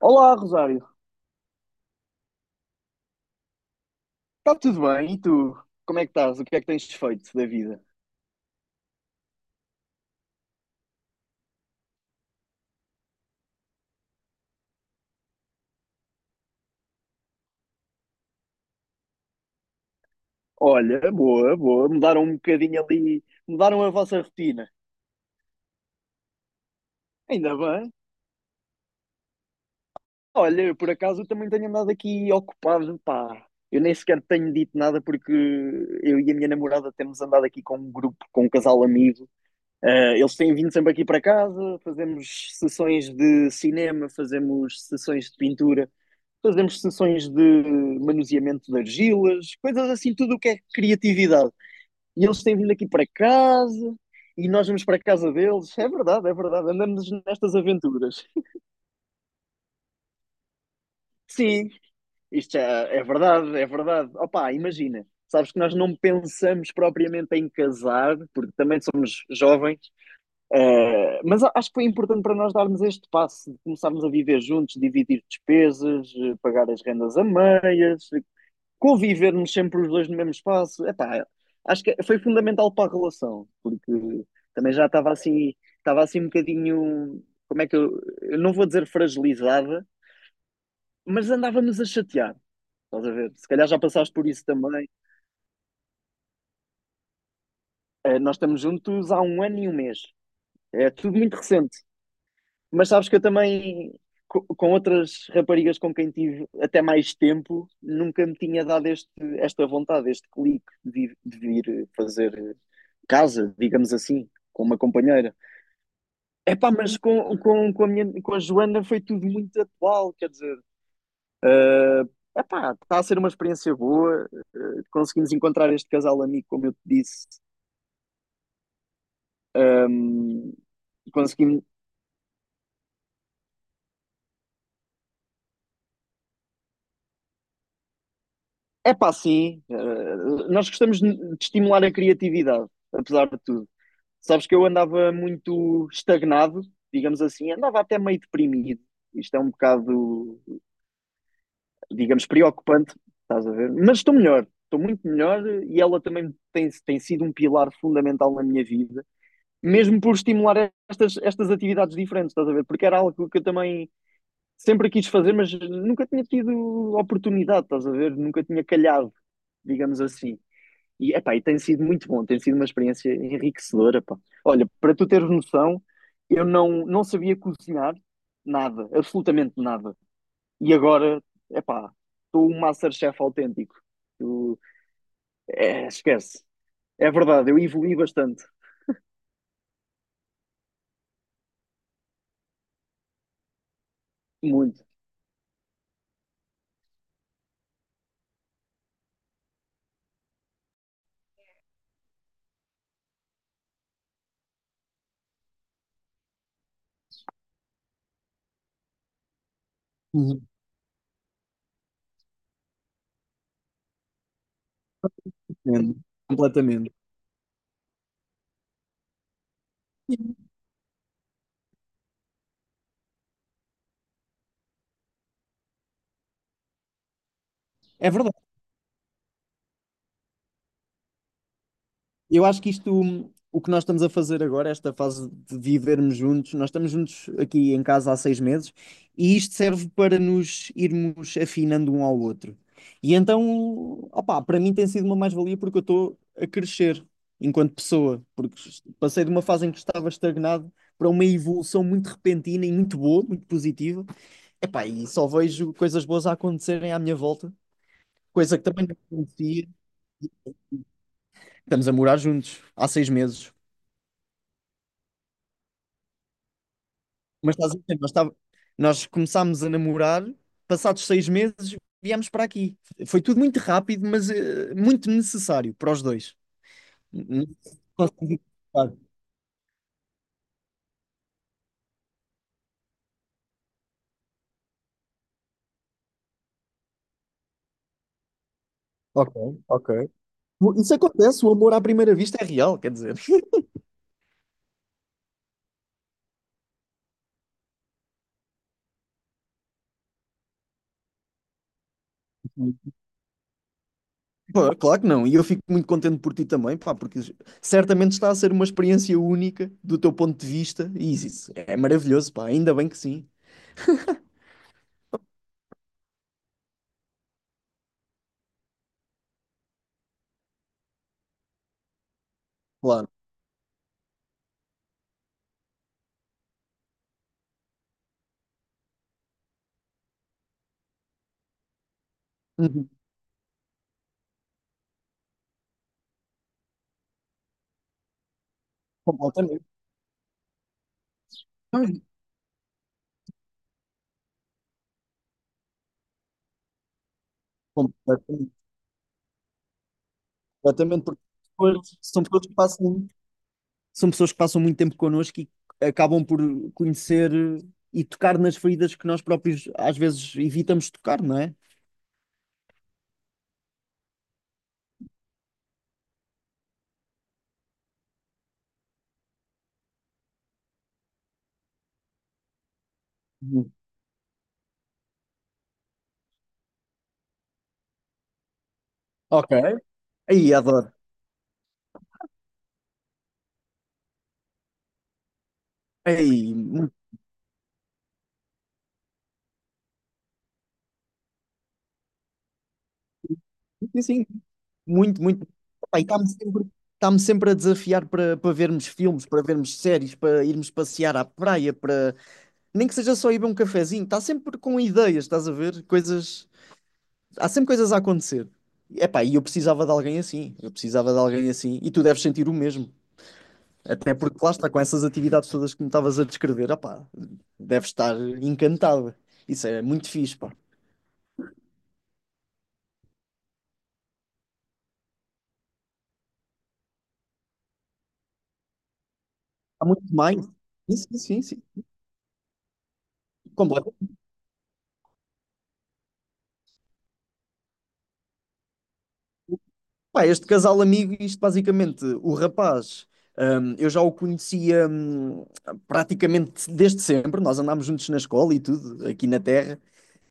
Olá, Rosário. Está tudo bem? E tu? Como é que estás? O que é que tens feito da vida? Olha, boa, boa. Mudaram um bocadinho ali, mudaram a vossa rotina. Ainda bem. Olha, eu por acaso eu também tenho andado aqui ocupado, pá. Eu nem sequer tenho dito nada porque eu e a minha namorada temos andado aqui com um grupo, com um casal amigo. Eles têm vindo sempre aqui para casa, fazemos sessões de cinema, fazemos sessões de pintura, fazemos sessões de manuseamento de argilas, coisas assim, tudo o que é criatividade. E eles têm vindo aqui para casa e nós vamos para a casa deles. É verdade, andamos nestas aventuras. Sim, isto é, é verdade, é verdade. Opa, imagina. Sabes que nós não pensamos propriamente em casar, porque também somos jovens, mas acho que foi importante para nós darmos este passo de começarmos a viver juntos, dividir despesas, pagar as rendas a meias, convivermos sempre os dois no mesmo espaço, epá, acho que foi fundamental para a relação, porque também já estava assim um bocadinho, como é que eu, não vou dizer fragilizada, mas andávamos a chatear, estás a ver? Se calhar já passaste por isso também. Nós estamos juntos há 1 ano e 1 mês, é tudo muito recente. Mas sabes que eu também, com outras raparigas com quem tive até mais tempo, nunca me tinha dado esta vontade, este clique de vir fazer casa, digamos assim, com uma companheira. Epá, mas com a com a Joana, foi tudo muito atual, quer dizer, epá, está a ser uma experiência boa. Conseguimos encontrar este casal amigo, como eu te disse. hum, Conseguimos. Epá, sim, nós gostamos de estimular a criatividade, apesar de tudo. Sabes que eu andava muito estagnado, digamos assim, andava até meio deprimido. Isto é um bocado, digamos, preocupante, estás a ver? Mas estou melhor, estou muito melhor, e ela também tem, tem sido um pilar fundamental na minha vida, mesmo por estimular estas atividades diferentes, estás a ver? Porque era algo que eu também sempre quis fazer, mas nunca tinha tido oportunidade, estás a ver? Nunca tinha calhado, digamos assim. E, epá, e tem sido muito bom, tem sido uma experiência enriquecedora, pá. Olha, para tu teres noção, eu não sabia cozinhar nada, absolutamente nada. E agora, epá, estou um MasterChef autêntico. Tu- é, esquece. É verdade, eu evoluí bastante, muito. Uhum. Entendo. Completamente. É verdade. Eu acho que isto, o que nós estamos a fazer agora, esta fase de vivermos juntos, nós estamos juntos aqui em casa há 6 meses, e isto serve para nos irmos afinando um ao outro. E então, opá, para mim tem sido uma mais-valia porque eu estou a crescer enquanto pessoa, porque passei de uma fase em que estava estagnado para uma evolução muito repentina e muito boa, muito positiva. Epá, e só vejo coisas boas a acontecerem à minha volta, coisa que também não acontecia. Estamos a morar juntos há 6 meses. Mas estás a ver, nós, estava- nós começámos a namorar, passados 6 meses viemos para aqui. Foi tudo muito rápido, mas muito necessário para os dois. Não consegui explicar. Ok, ok. Isso acontece, o amor à primeira vista é real, quer dizer. Pô, claro que não, e eu fico muito contente por ti também, pá, porque certamente está a ser uma experiência única do teu ponto de vista, e isso é maravilhoso, pá, ainda bem que sim, claro. Uhum. Completamente. Completamente. Exatamente, porque depois são pessoas que passam, são pessoas que passam muito tempo connosco e acabam por conhecer e tocar nas feridas que nós próprios às vezes evitamos tocar, não é? Uhum. Ok. Aí, adoro. Aí, muito, sim, sim, muito, muito. Epá, e está-me sempre a desafiar para vermos filmes, para vermos séries, para irmos passear à praia, para, nem que seja, só ir beber um cafezinho. Está sempre com ideias, estás a ver? Coisas Há sempre coisas a acontecer. Epá, e eu precisava de alguém assim, eu precisava de alguém assim, e tu deves sentir o mesmo. Até porque lá está, com essas atividades todas que me estavas a descrever, opá, deves estar encantada. Isso é muito fixe, pá. Há muito mais. Sim, sim, sim, sim. Completo. Pá, este casal amigo, isto basicamente, o rapaz, eu já o conhecia praticamente desde sempre, nós andámos juntos na escola e tudo, aqui na Terra.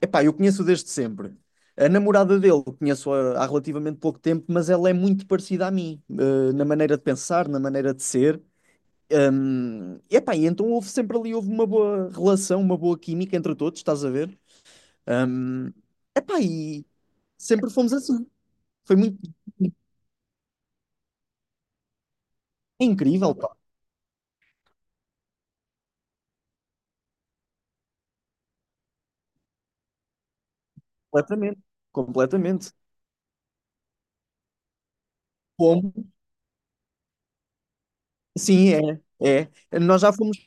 Epá, eu conheço-o desde sempre. A namorada dele conheço-a há relativamente pouco tempo, mas ela é muito parecida a mim, na maneira de pensar, na maneira de ser. Epá, e então houve sempre ali, houve uma boa relação, uma boa química entre todos, estás a ver? Hum, epá, e sempre fomos assim. Foi muito é incrível, pá. Completamente, completamente. Como? Sim, é, é. Nós já fomos.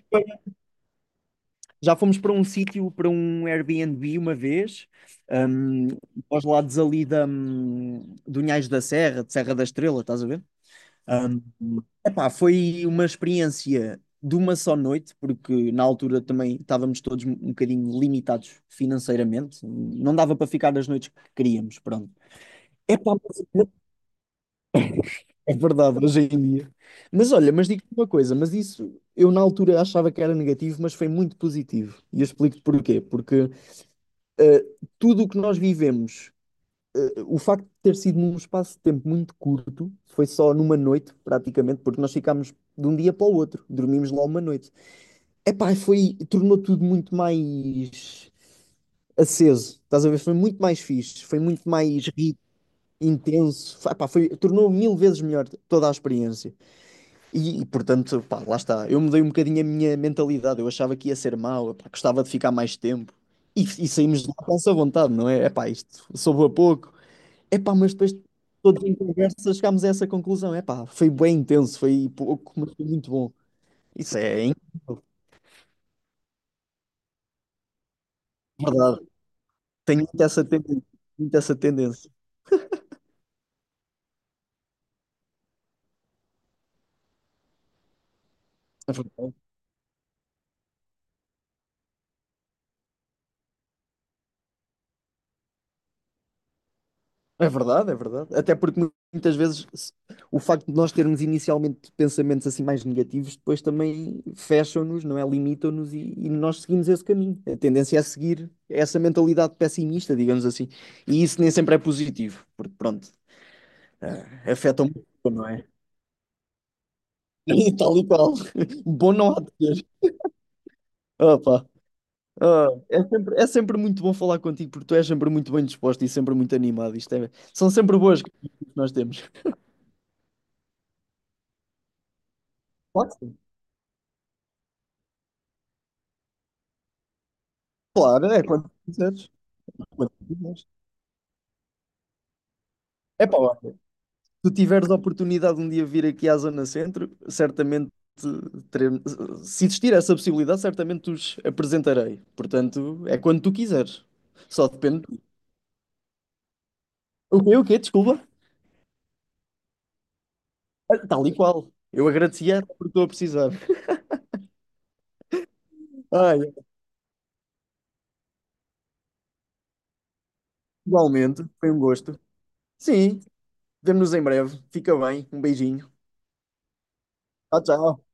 Já fomos para um sítio, para um Airbnb uma vez, um, aos lados ali da, do Unhais da Serra, de Serra da Estrela, estás a ver? Um, epá, foi uma experiência de uma só noite, porque na altura também estávamos todos um bocadinho limitados financeiramente, não dava para ficar as noites que queríamos, pronto. Epá, mas- é verdade, hoje em dia. Mas olha, mas digo-te uma coisa, mas isso eu na altura achava que era negativo, mas foi muito positivo. E eu explico-te porquê. Porque Uh, tudo o que nós vivemos, o facto de ter sido num espaço de tempo muito curto, foi só numa noite, praticamente, porque nós ficámos de um dia para o outro, dormimos lá uma noite. Epá, foi, tornou tudo muito mais aceso, estás a ver? Foi muito mais fixe, foi muito mais rico, intenso. Epá, foi, tornou 1000 vezes melhor toda a experiência. E, portanto, pá, lá está. Eu mudei um bocadinho a minha mentalidade. Eu achava que ia ser mau, pá, gostava de ficar mais tempo. E saímos de lá com essa vontade, não é? É pá, isto soube a pouco. É pá, mas depois, todos em conversa, chegámos a essa conclusão. É pá, foi bem intenso, foi pouco, mas foi muito bom. Isso é incrível, verdade. Tenho muito essa tendência. Muito essa tendência. É verdade, é verdade. Até porque muitas vezes se- o facto de nós termos inicialmente pensamentos assim mais negativos, depois também fecham-nos, não é? Limitam-nos, e nós seguimos esse caminho. A tendência é seguir essa mentalidade pessimista, digamos assim. E isso nem sempre é positivo, porque pronto, afeta muito, não é? E tal e qual. Bom não há de ser. Opa. Ah, é sempre muito bom falar contigo, porque tu és sempre muito bem disposto e sempre muito animado. Isto é- são sempre boas que nós temos. Claro que sim. Claro, é quando quiseres. É pá, olha, tu tiveres a oportunidade de um dia vir aqui à Zona Centro, certamente teremos, se existir essa possibilidade, certamente os apresentarei. Portanto, é quando tu quiseres. Só depende. O quê? O quê? Desculpa. Ah, tal e qual. Eu agradecia porque estou a precisar. Ai, igualmente, foi um gosto. Sim, vemo-nos em breve. Fica bem. Um beijinho. Tchau, tchau.